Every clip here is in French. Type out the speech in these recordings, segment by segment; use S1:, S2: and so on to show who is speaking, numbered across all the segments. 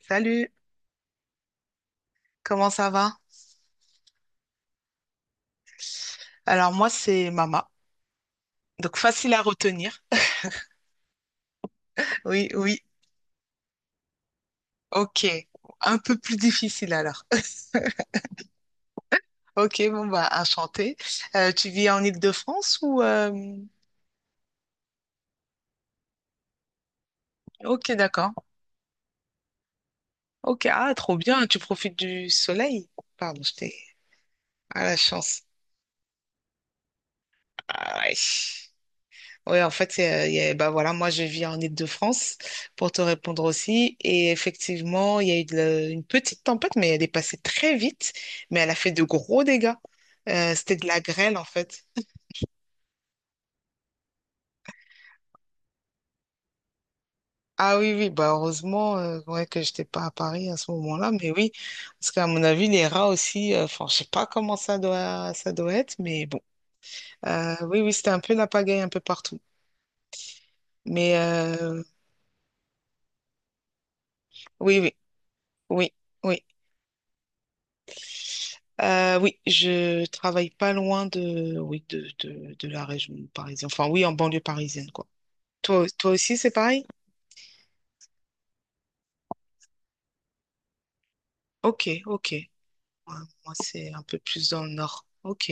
S1: Salut, comment ça va? Alors moi c'est Mama, donc facile à retenir. Oui, oui, ok. Un peu plus difficile alors. Ok, bon bah enchanté. Tu vis en Île-de-France ou Ok, d'accord. Ok, ah trop bien, tu profites du soleil. Pardon, j'étais à la chance. Ah, ouais. Oui, en fait, c'est, il y a- bah voilà, moi je vis en Île-de-France pour te répondre aussi. Et effectivement, il y a eu de la- une petite tempête, mais elle est passée très vite, mais elle a fait de gros dégâts. C'était de la grêle en fait. Ah oui, oui, bah heureusement ouais, que j'étais pas à Paris à ce moment-là, mais oui, parce qu'à mon avis, les rats aussi, enfin, je sais pas comment ça doit être, mais bon. Oui, oui, c'était un peu la pagaille un peu partout. Mais oui, oui, oui, oui. Oui, je travaille pas loin oui, de la région parisienne. Enfin, oui, en banlieue parisienne, quoi. Toi aussi, c'est pareil? Ok, ok. Ouais, moi, c'est un peu plus dans le nord. Ok.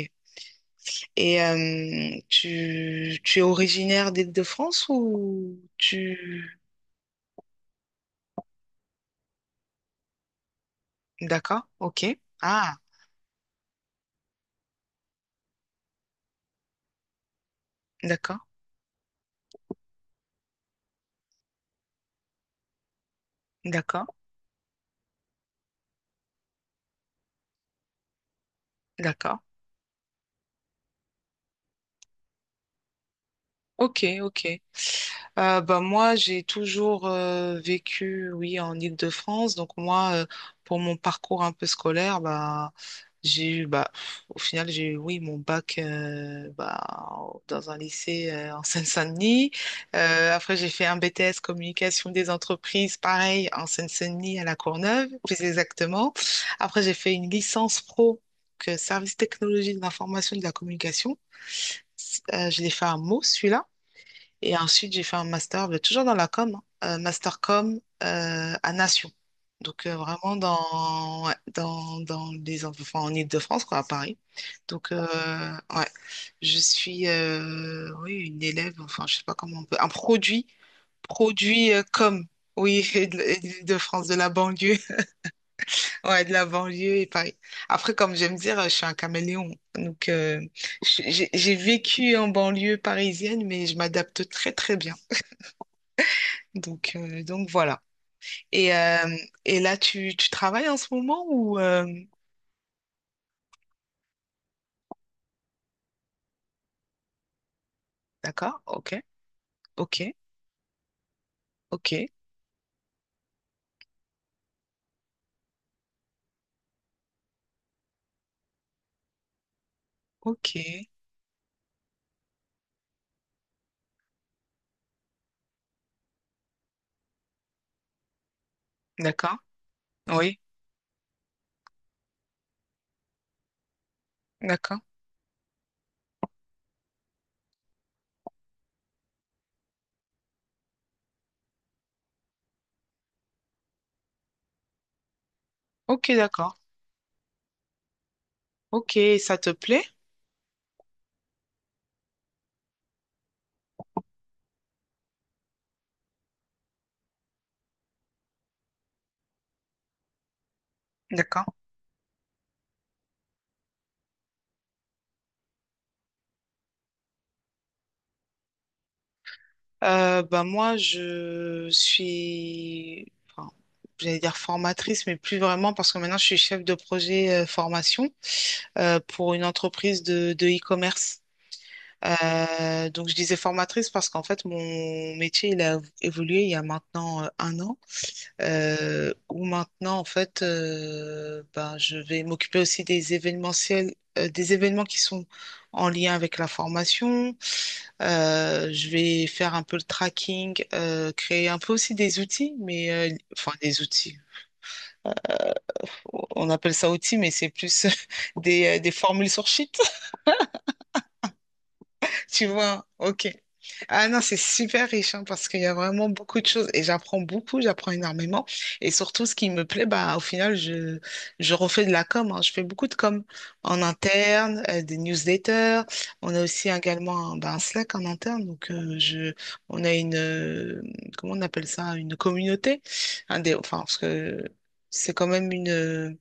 S1: Et tu es originaire d'Île-de-France ou tu... D'accord, ok. Ah, d'accord, d'accord, d'accord. Ok, ok. Bah, moi, j'ai toujours vécu, oui, en Île-de-France. Donc moi, pour mon parcours un peu scolaire, bah, j'ai eu, bah, au final, j'ai eu, oui, mon bac bah, dans un lycée en Seine-Saint-Denis. Après, j'ai fait un BTS communication des entreprises, pareil, en Seine-Saint-Denis à La Courneuve, plus exactement. Après, j'ai fait une licence pro que service technologie de l'information et de la communication. Je l'ai fait à Meaux, celui-là. Et ensuite, j'ai fait un master, mais toujours dans la com, hein, master com à Nation. Donc, vraiment dans, ouais, dans les, enfin, en Île-de-France, quoi, à Paris. Donc, ouais, oui, une élève, enfin, je sais pas comment on peut, un produit, produit com, oui, et de l'Île-de-France, de la banlieue, ouais, de la banlieue et Paris. Après, comme j'aime dire, je suis un caméléon. Donc, j'ai vécu en banlieue parisienne, mais je m'adapte très, très bien. Donc, voilà. Et, euh, et là, tu travailles en ce moment ou... D'accord, ok, ok, ok, ok. D'accord, oui, d'accord. Ok, d'accord. Ok, ça te plaît? D'accord. Bah moi, je suis... enfin, j'allais dire formatrice, mais plus vraiment parce que maintenant je suis chef de projet formation pour une entreprise de e-commerce. Donc, je disais formatrice parce qu'en fait, mon métier, il a évolué il y a maintenant un an, où maintenant, en fait, ben, je vais m'occuper aussi des événementiels, des événements qui sont en lien avec la formation. Je vais faire un peu le tracking, créer un peu aussi des outils, mais enfin des outils. On appelle ça outils, mais c'est plus des formules sur sheet. Tu vois, ok. Ah non, c'est super riche hein, parce qu'il y a vraiment beaucoup de choses et j'apprends beaucoup, j'apprends énormément. Et surtout, ce qui me plaît, bah, au final, je refais de la com. Hein. Je fais beaucoup de com en interne, des newsletters. On a aussi également un, bah, un Slack en interne. Donc, on a une, comment on appelle ça, une communauté. Un des, enfin, parce que c'est quand même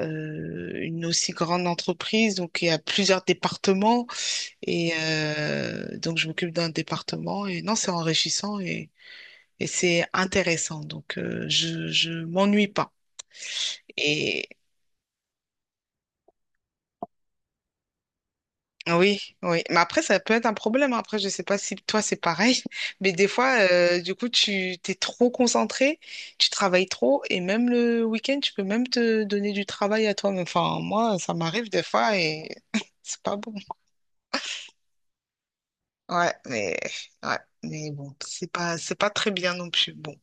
S1: une aussi grande entreprise. Donc, il y a plusieurs départements. Et donc, je m'occupe d'un département. Et non, c'est enrichissant et c'est intéressant. Donc, je m'ennuie pas. Et ah oui, oui. Mais après, ça peut être un problème. Après, je sais pas si toi, c'est pareil. Mais des fois, du coup, tu t'es trop concentré, tu travailles trop. Et même le week-end, tu peux même te donner du travail à toi-même. Enfin, moi, ça m'arrive des fois et c'est pas bon. Ouais, mais, ouais, mais bon, c'est pas très bien non plus. Bon.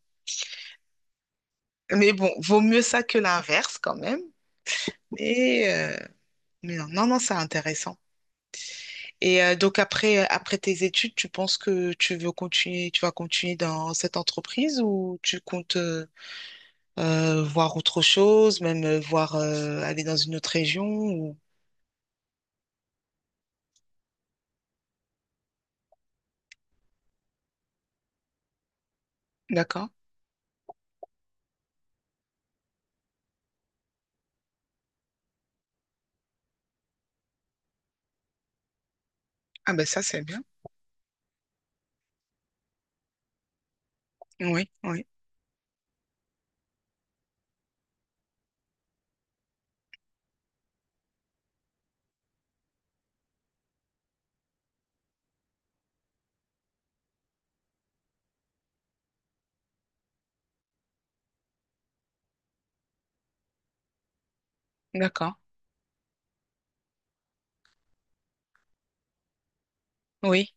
S1: Mais bon, vaut mieux ça que l'inverse quand même. Mais, euh, mais non, non, non, c'est intéressant. Et donc après, après tes études, tu penses que tu veux continuer, tu vas continuer dans cette entreprise ou tu comptes voir autre chose, même voir aller dans une autre région ou... D'accord. Ah ben ça, c'est bien. Oui, oui. D'accord. Oui.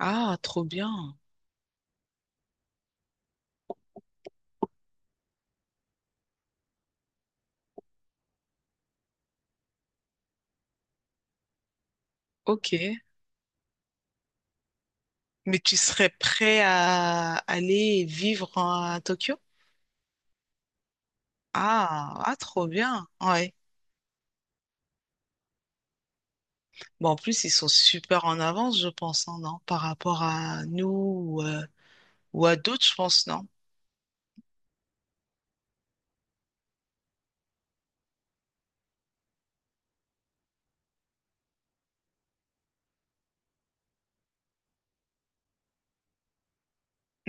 S1: Ah, trop bien. Ok. Mais tu serais prêt à aller vivre à Tokyo? Ah, ah, trop bien. Ouais. Bon, en plus, ils sont super en avance, je pense, hein, non? Par rapport à nous ou à d'autres, je pense, non?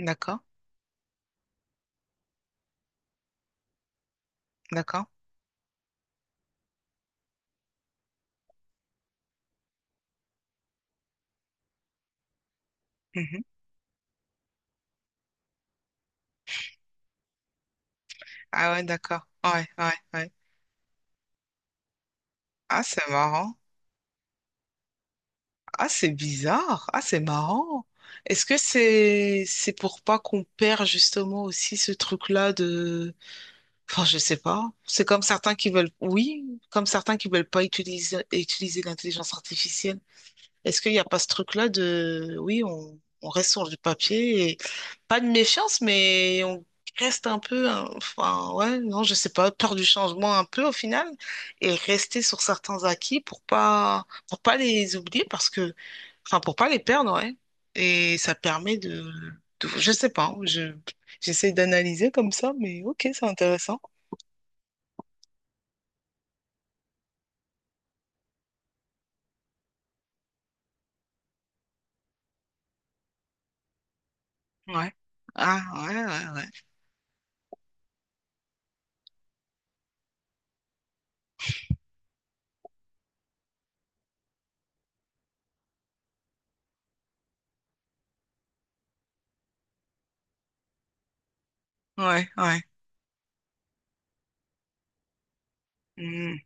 S1: D'accord, d'accord. Mhm. Ah ouais, d'accord. Ouais, ouais, ouais. Ah, c'est marrant. Ah, c'est bizarre. Ah, c'est marrant. Est-ce que c'est pour pas qu'on perd justement aussi ce truc-là de... Enfin, je sais pas. C'est comme certains qui veulent... Oui, comme certains qui veulent pas utiliser l'intelligence artificielle. Est-ce qu'il n'y a pas ce truc-là de, oui, on reste sur du papier et pas de méfiance, mais on reste un peu, hein, enfin, ouais, non, je sais pas, peur du changement un peu au final et rester sur certains acquis pour pas les oublier parce que, enfin, pour pas les perdre, ouais. Et ça permet je sais pas, hein, j'essaie d'analyser comme ça, mais ok, c'est intéressant. Ouais. Ah, ouais, ouais, ouais. Ouais, ouais. Hmm,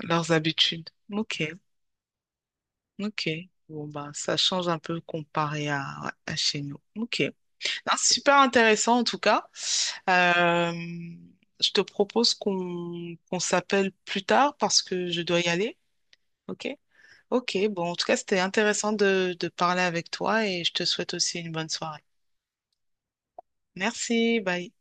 S1: leurs habitudes. Ok. Ok. Bon, bah, ça change un peu comparé à chez nous. Ok. Non, c'est super intéressant en tout cas. Euh, je te propose qu'on s'appelle plus tard parce que je dois y aller. Ok. Ok. Bon, en tout cas, c'était intéressant de parler avec toi et je te souhaite aussi une bonne soirée. Merci. Bye.